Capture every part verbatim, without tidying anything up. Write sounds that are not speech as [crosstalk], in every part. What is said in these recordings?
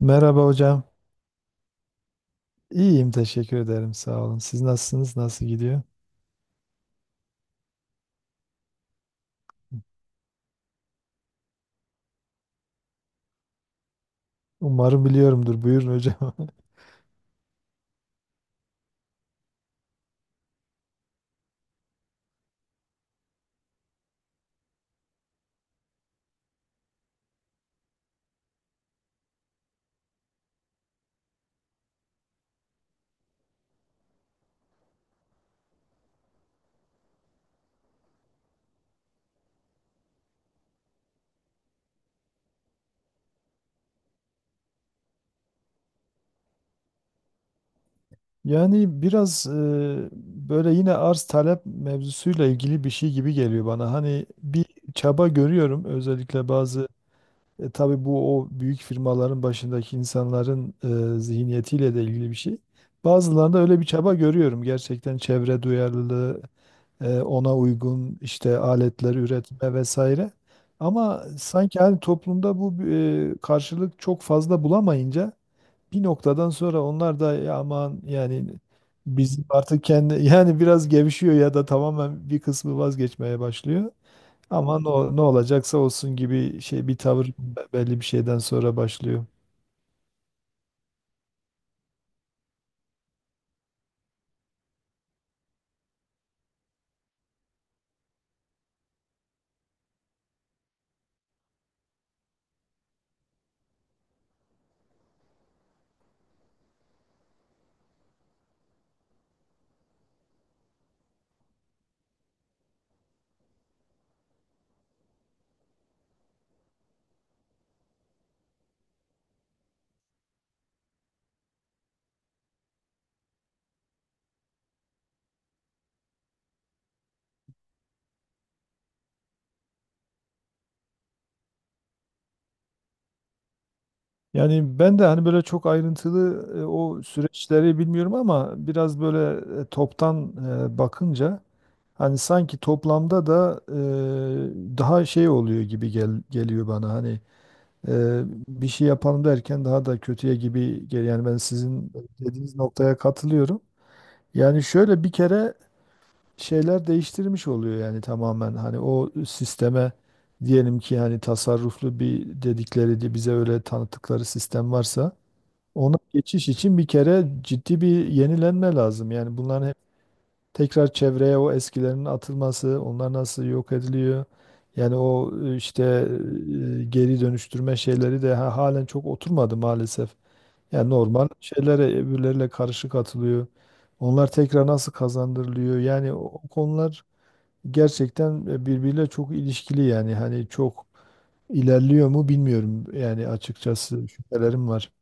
Merhaba hocam. İyiyim teşekkür ederim sağ olun. Siz nasılsınız? Nasıl gidiyor? Umarım biliyorumdur. Buyurun hocam. [laughs] Yani biraz e, böyle yine arz talep mevzusuyla ilgili bir şey gibi geliyor bana. Hani bir çaba görüyorum özellikle bazı e, tabii bu o büyük firmaların başındaki insanların e, zihniyetiyle de ilgili bir şey. Bazılarında öyle bir çaba görüyorum. Gerçekten çevre duyarlılığı e, ona uygun işte aletler üretme vesaire. Ama sanki hani toplumda bu e, karşılık çok fazla bulamayınca bir noktadan sonra onlar da "Ya aman yani biz artık kendi [laughs] yani biraz gevşiyor ya da tamamen bir kısmı vazgeçmeye başlıyor. Ama ne, o- ne olacaksa olsun gibi şey bir tavır be- belli bir şeyden sonra başlıyor. Yani ben de hani böyle çok ayrıntılı e, o süreçleri bilmiyorum ama biraz böyle e, toptan e, bakınca hani sanki toplamda da e, daha şey oluyor gibi gel, geliyor bana. Hani e, bir şey yapalım derken daha da kötüye gibi geliyor. Yani ben sizin dediğiniz noktaya katılıyorum. Yani şöyle bir kere şeyler değiştirmiş oluyor yani tamamen. Hani o sisteme diyelim ki hani tasarruflu bir dedikleri de bize öyle tanıttıkları sistem varsa ona geçiş için bir kere ciddi bir yenilenme lazım. Yani bunların tekrar çevreye o eskilerin atılması, onlar nasıl yok ediliyor? Yani o e, işte e, geri dönüştürme şeyleri de ha- halen çok oturmadı maalesef. Yani normal şeylere öbürleriyle karışık atılıyor. Onlar tekrar nasıl kazandırılıyor? Yani o, o konular gerçekten e, birbiriyle çok ilişkili yani hani çok ilerliyor mu bilmiyorum yani açıkçası şüphelerim var.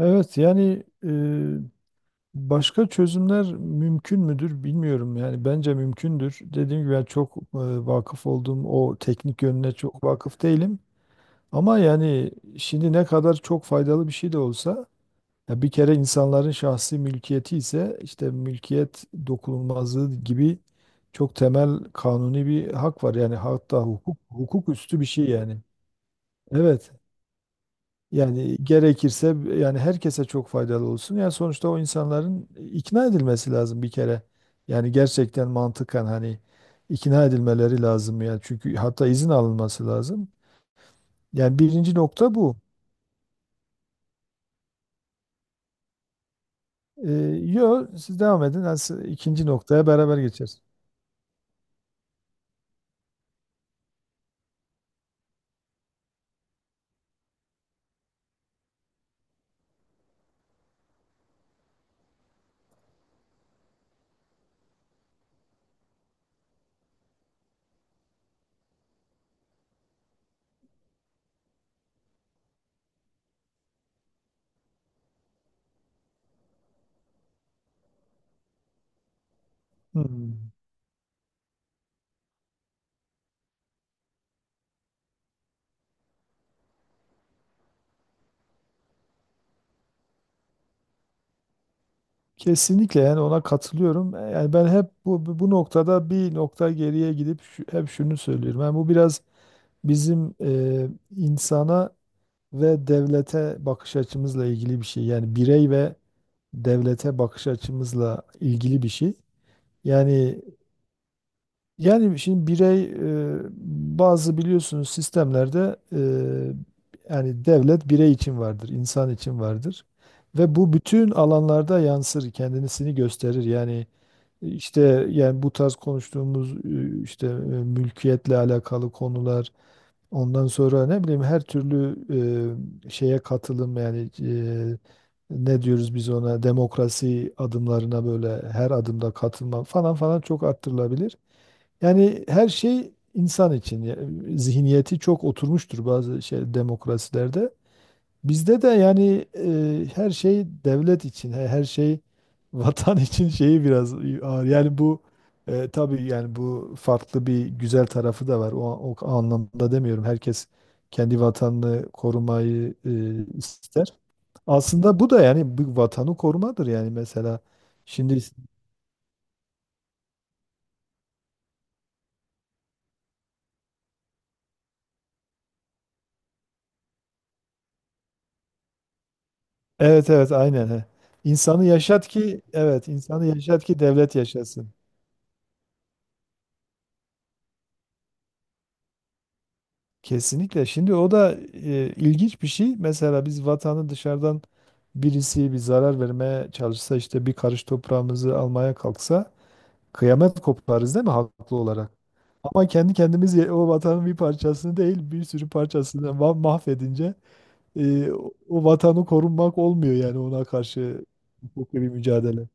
Evet yani başka çözümler mümkün müdür bilmiyorum yani bence mümkündür. Dediğim gibi ben çok e, vakıf olduğum o teknik yönüne çok vakıf değilim. Ama yani şimdi ne kadar çok faydalı bir şey de olsa ya bir kere insanların şahsi mülkiyeti ise işte mülkiyet dokunulmazlığı gibi çok temel kanuni bir hak var. Yani hatta hukuk hukuk üstü bir şey yani. Evet. Yani gerekirse yani herkese çok faydalı olsun. Yani sonuçta o insanların ikna edilmesi lazım bir kere. Yani gerçekten mantıken hani ikna edilmeleri lazım yani. Çünkü hatta izin alınması lazım. Yani birinci nokta bu. Ee, Yo, siz devam edin. Yani siz- ikinci noktaya beraber geçeriz. Hmm. Kesinlikle yani ona katılıyorum. Yani ben hep bu bu bu noktada bir nokta geriye gidip şu- hep şunu söylüyorum. Yani bu biraz bizim e, insana ve devlete bakış açımızla ilgili bir şey. Yani birey ve devlete bakış açımızla ilgili bir şey. Yani yani şimdi birey e, bazı biliyorsunuz sistemlerde, e, yani devlet birey için vardır, insan için vardır. Ve bu bütün alanlarda yansır, kendisini gösterir. Yani işte yani bu tarz konuştuğumuz e, işte e, mülkiyetle alakalı konular, ondan sonra ne bileyim her türlü e, şeye katılım yani e, ne diyoruz biz ona, demokrasi adımlarına böyle her adımda katılma falan falan çok arttırılabilir. Yani her şey insan için ya- zihniyeti çok oturmuştur bazı şey demokrasilerde. Bizde de yani e, her şey devlet için, he- her şey vatan [laughs] için şeyi biraz ağır. Yani bu e, tabii yani bu farklı bir güzel tarafı da var. O, o anlamda demiyorum. Herkes kendi vatanını korumayı e, ister. Aslında bu da yani bu vatanı korumadır yani mesela. Şimdi evet, evet, aynen he. İnsanı yaşat ki evet, insanı yaşat ki devlet yaşasın. Kesinlikle. Şimdi o da e, ilginç bir şey. Mesela biz vatanı dışarıdan birisi bir zarar vermeye çalışsa işte bir karış toprağımızı almaya kalksa kıyamet koparız değil mi haklı olarak? Ama kendi kendimiz ye- o vatanın bir parçasını değil bir sürü parçasını ma- mahvedince e, o o vatanı korunmak olmuyor yani ona karşı hukuki bir mücadele.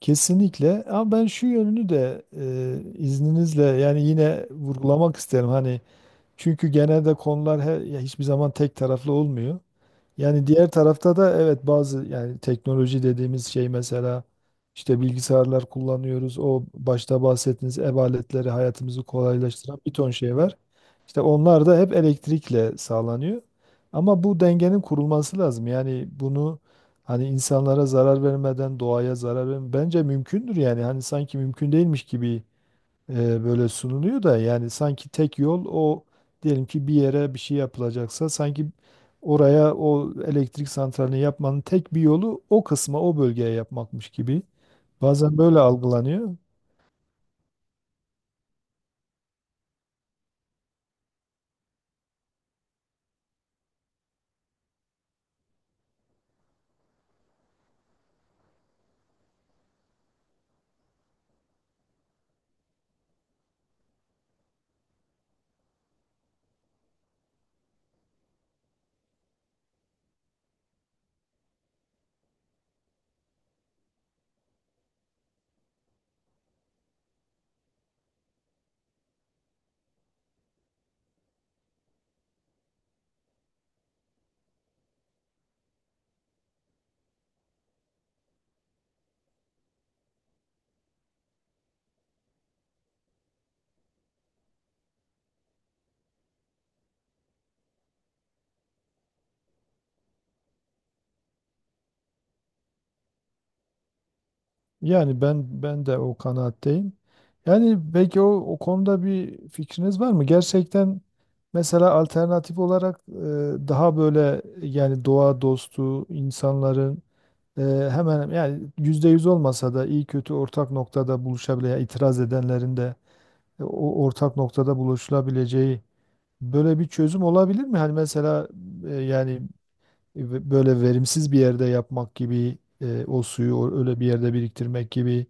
Kesinlikle, ama ben şu yönünü de e, izninizle yani yine vurgulamak isterim. Hani çünkü genelde konular her, ya hiçbir zaman tek taraflı olmuyor. Yani diğer tarafta da evet bazı yani teknoloji dediğimiz şey mesela işte bilgisayarlar kullanıyoruz. O başta bahsettiğiniz ev aletleri hayatımızı kolaylaştıran bir ton şey var. İşte onlar da hep elektrikle sağlanıyor. Ama bu dengenin kurulması lazım. Yani bunu hani insanlara zarar vermeden, doğaya zarar vermeden bence mümkündür yani. Hani sanki mümkün değilmiş gibi e, böyle sunuluyor da yani sanki tek yol o, diyelim ki bir yere bir şey yapılacaksa sanki oraya o elektrik santralini yapmanın tek bir yolu o kısma o bölgeye yapmakmış gibi. Bazen böyle algılanıyor. Yani ben ben de o kanaatteyim. Yani belki o, o konuda bir fikriniz var mı? Gerçekten mesela alternatif olarak e, daha böyle yani doğa dostu insanların Ee, hemen yani yüzde yüz olmasa da iyi kötü ortak noktada buluşabileceği, itiraz edenlerin de e, o ortak noktada buluşulabileceği böyle bir çözüm olabilir mi? Hani mesela e, yani e, böyle verimsiz bir yerde yapmak gibi, e, o suyu o- öyle bir yerde biriktirmek gibi.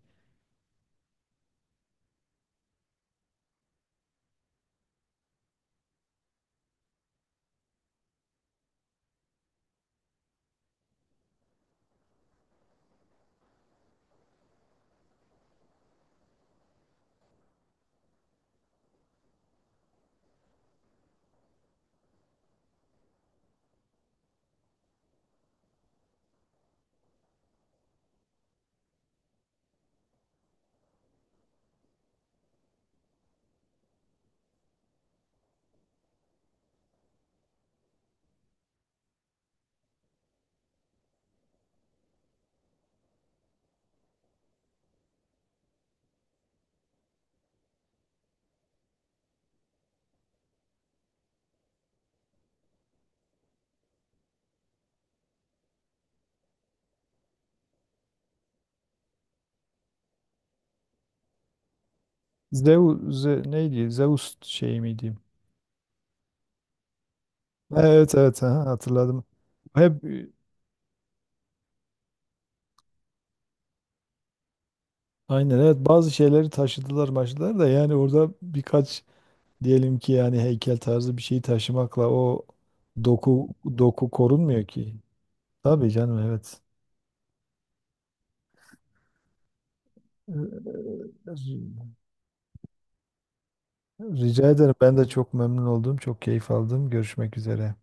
Zeus Ze- neydi? Zeus şey miydi? Evet evet aha, hatırladım. Hep e, aynen evet bazı şeyleri taşıdılar maçlar da yani orada birkaç diyelim ki yani heykel tarzı bir şeyi taşımakla o doku doku korunmuyor ki. Tabii canım evet. Ee, Rica ederim. Ben de çok memnun oldum. Çok keyif aldım. Görüşmek üzere.